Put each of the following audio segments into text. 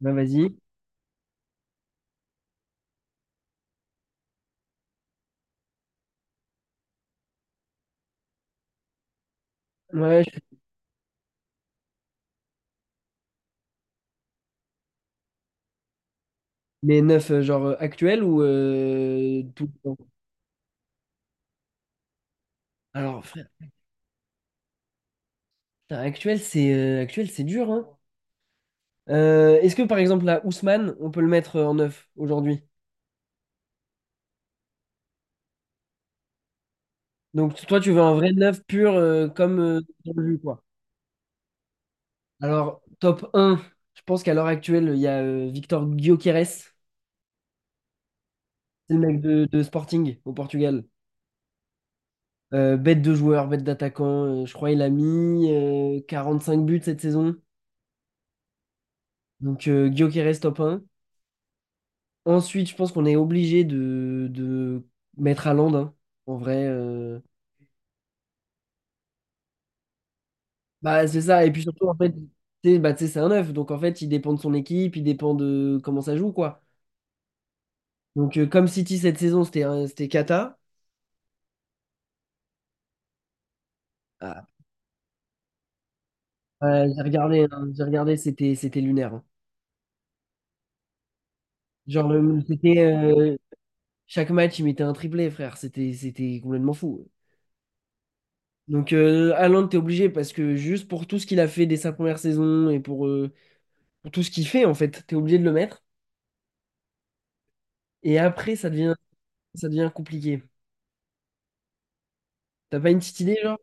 Vas-y. Ouais, je- mais neuf, genre actuel ou tout le temps? Alors, frère, putain, actuel, c'est dur, hein. Est-ce que par exemple là, Ousmane, on peut le mettre en neuf aujourd'hui? Donc toi, tu veux un vrai neuf pur comme dans le jeu, quoi. Alors, top un, je pense qu'à l'heure actuelle, il y a Victor Gyökeres, c'est le mec de Sporting au Portugal. Bête de joueur, bête d'attaquant, je crois il a mis 5 buts cette saison. Donc Gyökeres top un. Ensuite, je pense qu'on est obligé de mettre à Landin. En vrai, bah, c'est ça. Et puis surtout, en fait, tu sais, c'est un neuf. Donc, en fait, il dépend de son équipe, il dépend de comment ça joue, quoi. Donc, comme City cette saison, c'était cata. Ah, ouais, j'ai regardé, hein, j'ai regardé, c'était lunaire, hein. Genre, le- c'était chaque match, il mettait un triplé, frère. C'était complètement fou. Donc, Haaland, t'es obligé parce que juste pour tout ce qu'il a fait dès sa première saison et pour tout ce qu'il fait, en fait, t'es obligé de le mettre. Et après, ça devient compliqué. T'as pas une petite idée, genre?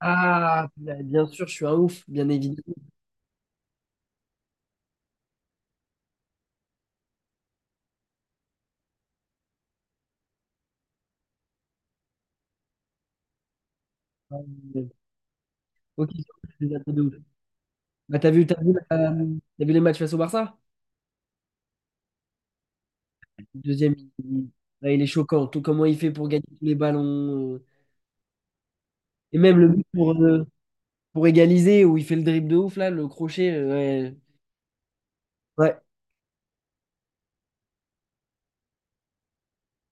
Ah, bah, bien sûr, je suis un ouf, bien évidemment. Euh, Ok, je suis un peu de ouf. Bah, t'as vu les matchs face au Barça? Le deuxième, ouais, il est choquant. Tout comment il fait pour gagner tous les ballons. Et même le but pour égaliser, où il fait le dribble de ouf, là, le crochet. Ouais. Ouais.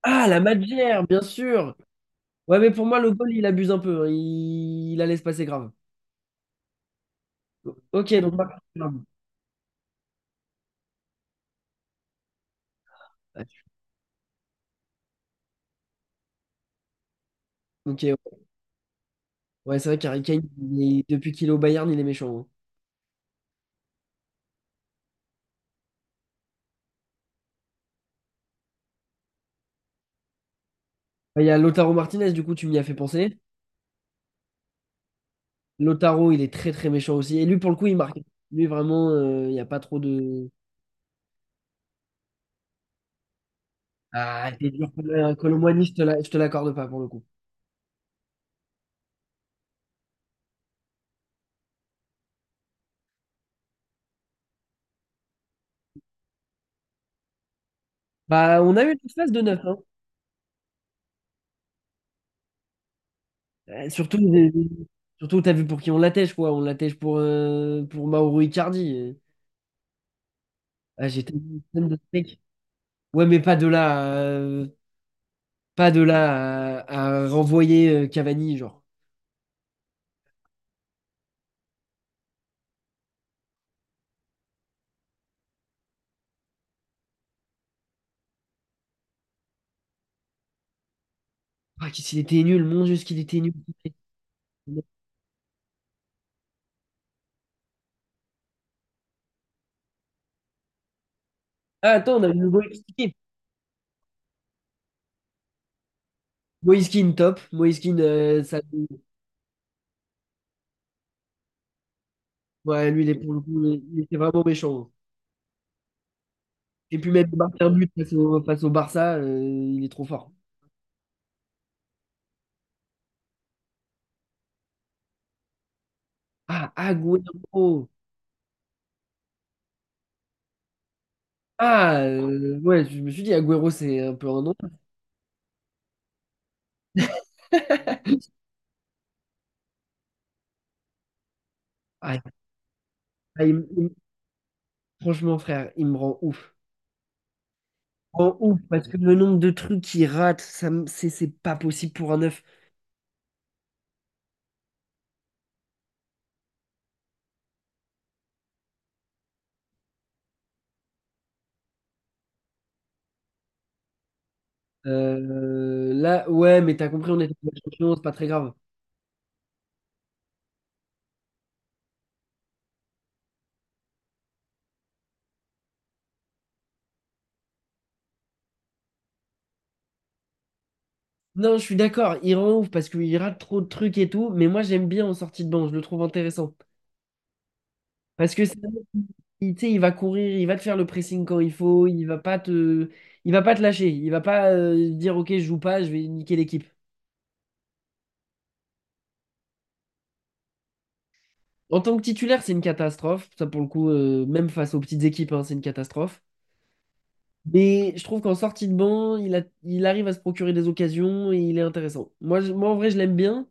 Ah, la Madgère, bien sûr. Ouais, mais pour moi, le goal, il abuse un peu, hein. Il la laisse passer grave. Ok, donc. Ok, ouais. Ok, ouais, c'est vrai qu'Harry Kane, depuis qu'il est au Bayern, il est méchant, hein. Bah, il y a Lautaro Martinez, du coup, tu m'y as fait penser. Lautaro, il est très très méchant aussi. Et lui, pour le coup, il marque. Lui, vraiment, il n'y a pas trop de. Ah, t'es dur comme un Colomboigny, je te l'accorde pas pour le coup. Bah, on a eu une phase de neuf. Hein. Euh, surtout, les- Surtout t'as vu pour qui on l'attèche, quoi. On l'attèche pour Mauro Icardi. Ah, j'ai tellement eu une scène de steak. Ouais, mais pas de là. Pas de là à renvoyer Cavani, genre. Ah, qu'est-ce qu'il était nul, mon Dieu, ce qu'il était nul. Ah, attends, on a le Moïskine. Moïskine, top. Moïskine, ça... Ouais, lui, il est pour le coup, il était vraiment méchant. Et puis même, il un but face au Barça, il est trop fort. Ah, Agüero. Ah, ouais, je me suis dit, Agüero, c'est un peu un nom. Ah, ah, franchement, frère, il me rend ouf. Il me rend ouf, parce que le nombre de trucs qu'il rate, ça, c'est pas possible pour un neuf. Là, ouais, mais t'as compris, on est champion, c'est pas très grave. Non, je suis d'accord, il rend ouf parce qu'il rate trop de trucs et tout, mais moi, j'aime bien en sortie de banc, je le trouve intéressant. Parce que c'est un mec qui, tu sais, il va courir, il va te faire le pressing quand il faut, il va pas te lâcher, il va pas dire, ok, je joue pas, je vais niquer l'équipe. En tant que titulaire, c'est une catastrophe. Ça, pour le coup, même face aux petites équipes, hein, c'est une catastrophe. Mais je trouve qu'en sortie de banc, il arrive à se procurer des occasions et il est intéressant. Moi en vrai, je l'aime bien.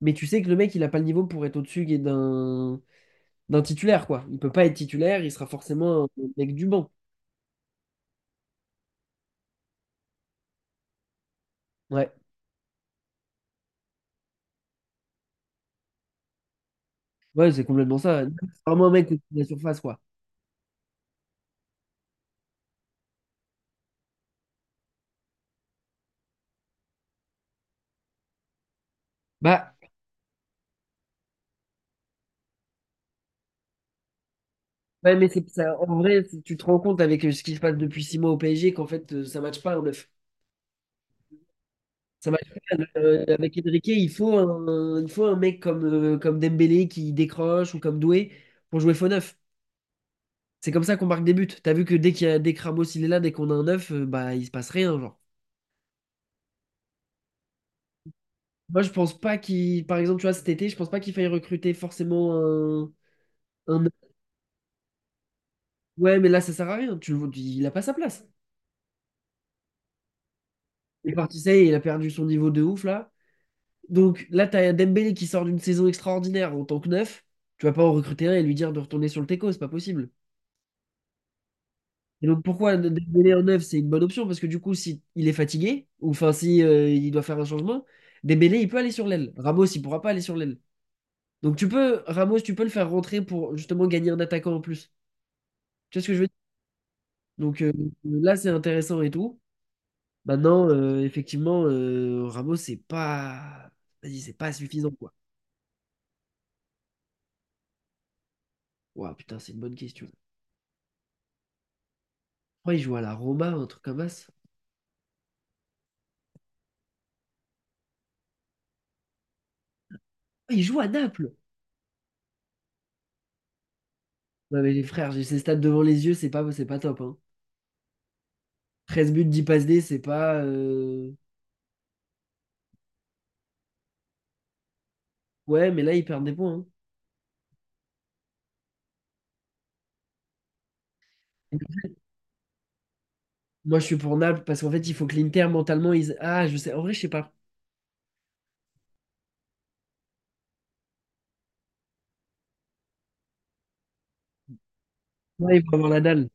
Mais tu sais que le mec, il a pas le niveau pour être au-dessus et d'un titulaire, quoi. Il peut pas être titulaire, il sera forcément un mec du banc. Ouais, ouais, c'est complètement ça. C'est vraiment un mec au-dessus de la surface, quoi. Bah, ouais, mais c'est ça, en vrai, tu te rends compte avec ce qui se passe depuis 6 mois au PSG qu'en fait, ça matche pas un neuf. Ça marche pas, avec Enrique, il faut il faut un mec comme, comme Dembélé qui décroche ou comme Doué pour jouer faux neuf. C'est comme ça qu'on marque des buts. T'as vu que dès qu'il y a, dès que Ramos il est là, dès qu'on a un neuf, bah il se passe rien, genre. Moi je pense pas qu'il, par exemple, tu vois, cet été, je pense pas qu'il faille recruter un neuf. Ouais, mais là ça sert à rien. Le vois, il a pas sa place. Il est parti, ça y est, il a perdu son niveau de ouf là. Donc là, t'as Dembélé qui sort d'une saison extraordinaire en tant que neuf. Tu vas pas en recruter un et lui dire de retourner sur le teco, c'est pas possible. Et donc pourquoi Dembélé en neuf, c'est une bonne option parce que du coup, si il est fatigué ou enfin si il doit faire un changement, Dembélé il peut aller sur l'aile. Ramos il pourra pas aller sur l'aile. Donc tu peux Ramos, tu peux le faire rentrer pour justement gagner un attaquant en plus. Tu vois ce que je veux dire? Donc là c'est intéressant et tout. Maintenant effectivement Ramos c'est pas, vas-y, c'est pas suffisant quoi. Ouah putain, c'est une bonne question. Pourquoi il joue à la Roma, un truc comme ça? Ah, il joue à Naples. Non mais les frères, j'ai ces stats devant les yeux, c'est pas top hein. 13 buts, 10 passes D, c'est pas. Ouais, mais là, ils perdent des points, hein. Moi, je suis pour Naples parce qu'en fait, il faut que l'Inter mentalement. Ils... Ah, je sais. En vrai, je sais pas. Ouais, il faut avoir la dalle.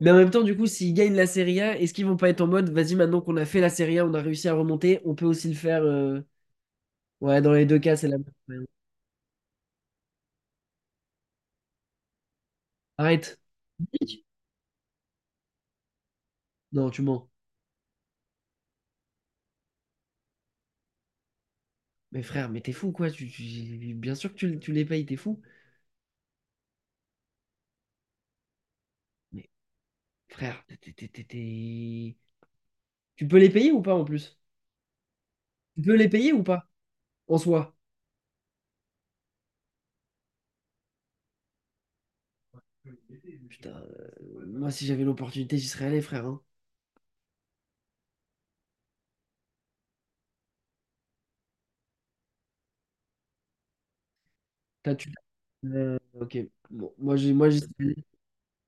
Mais en même temps, du coup, s'ils gagnent la Serie A, est-ce qu'ils vont pas être en mode, vas-y, maintenant qu'on a fait la Serie A, on a réussi à remonter, on peut aussi le faire. Ouais, dans les deux cas, c'est la même. Arrête. Non, tu mens. Mais frère, mais t'es fou, quoi. Bien sûr que tu les payes, t'es fou. Mais frère, tu peux les payer ou pas en plus? Tu peux les payer ou pas en soi? Putain, moi, si j'avais l'opportunité, j'y serais allé, frère, hein. T'as tu. Ok. Bon, moi, j'y serais allé.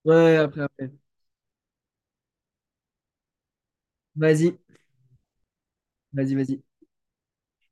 Ouais, après, après. Vas-y, vas-y.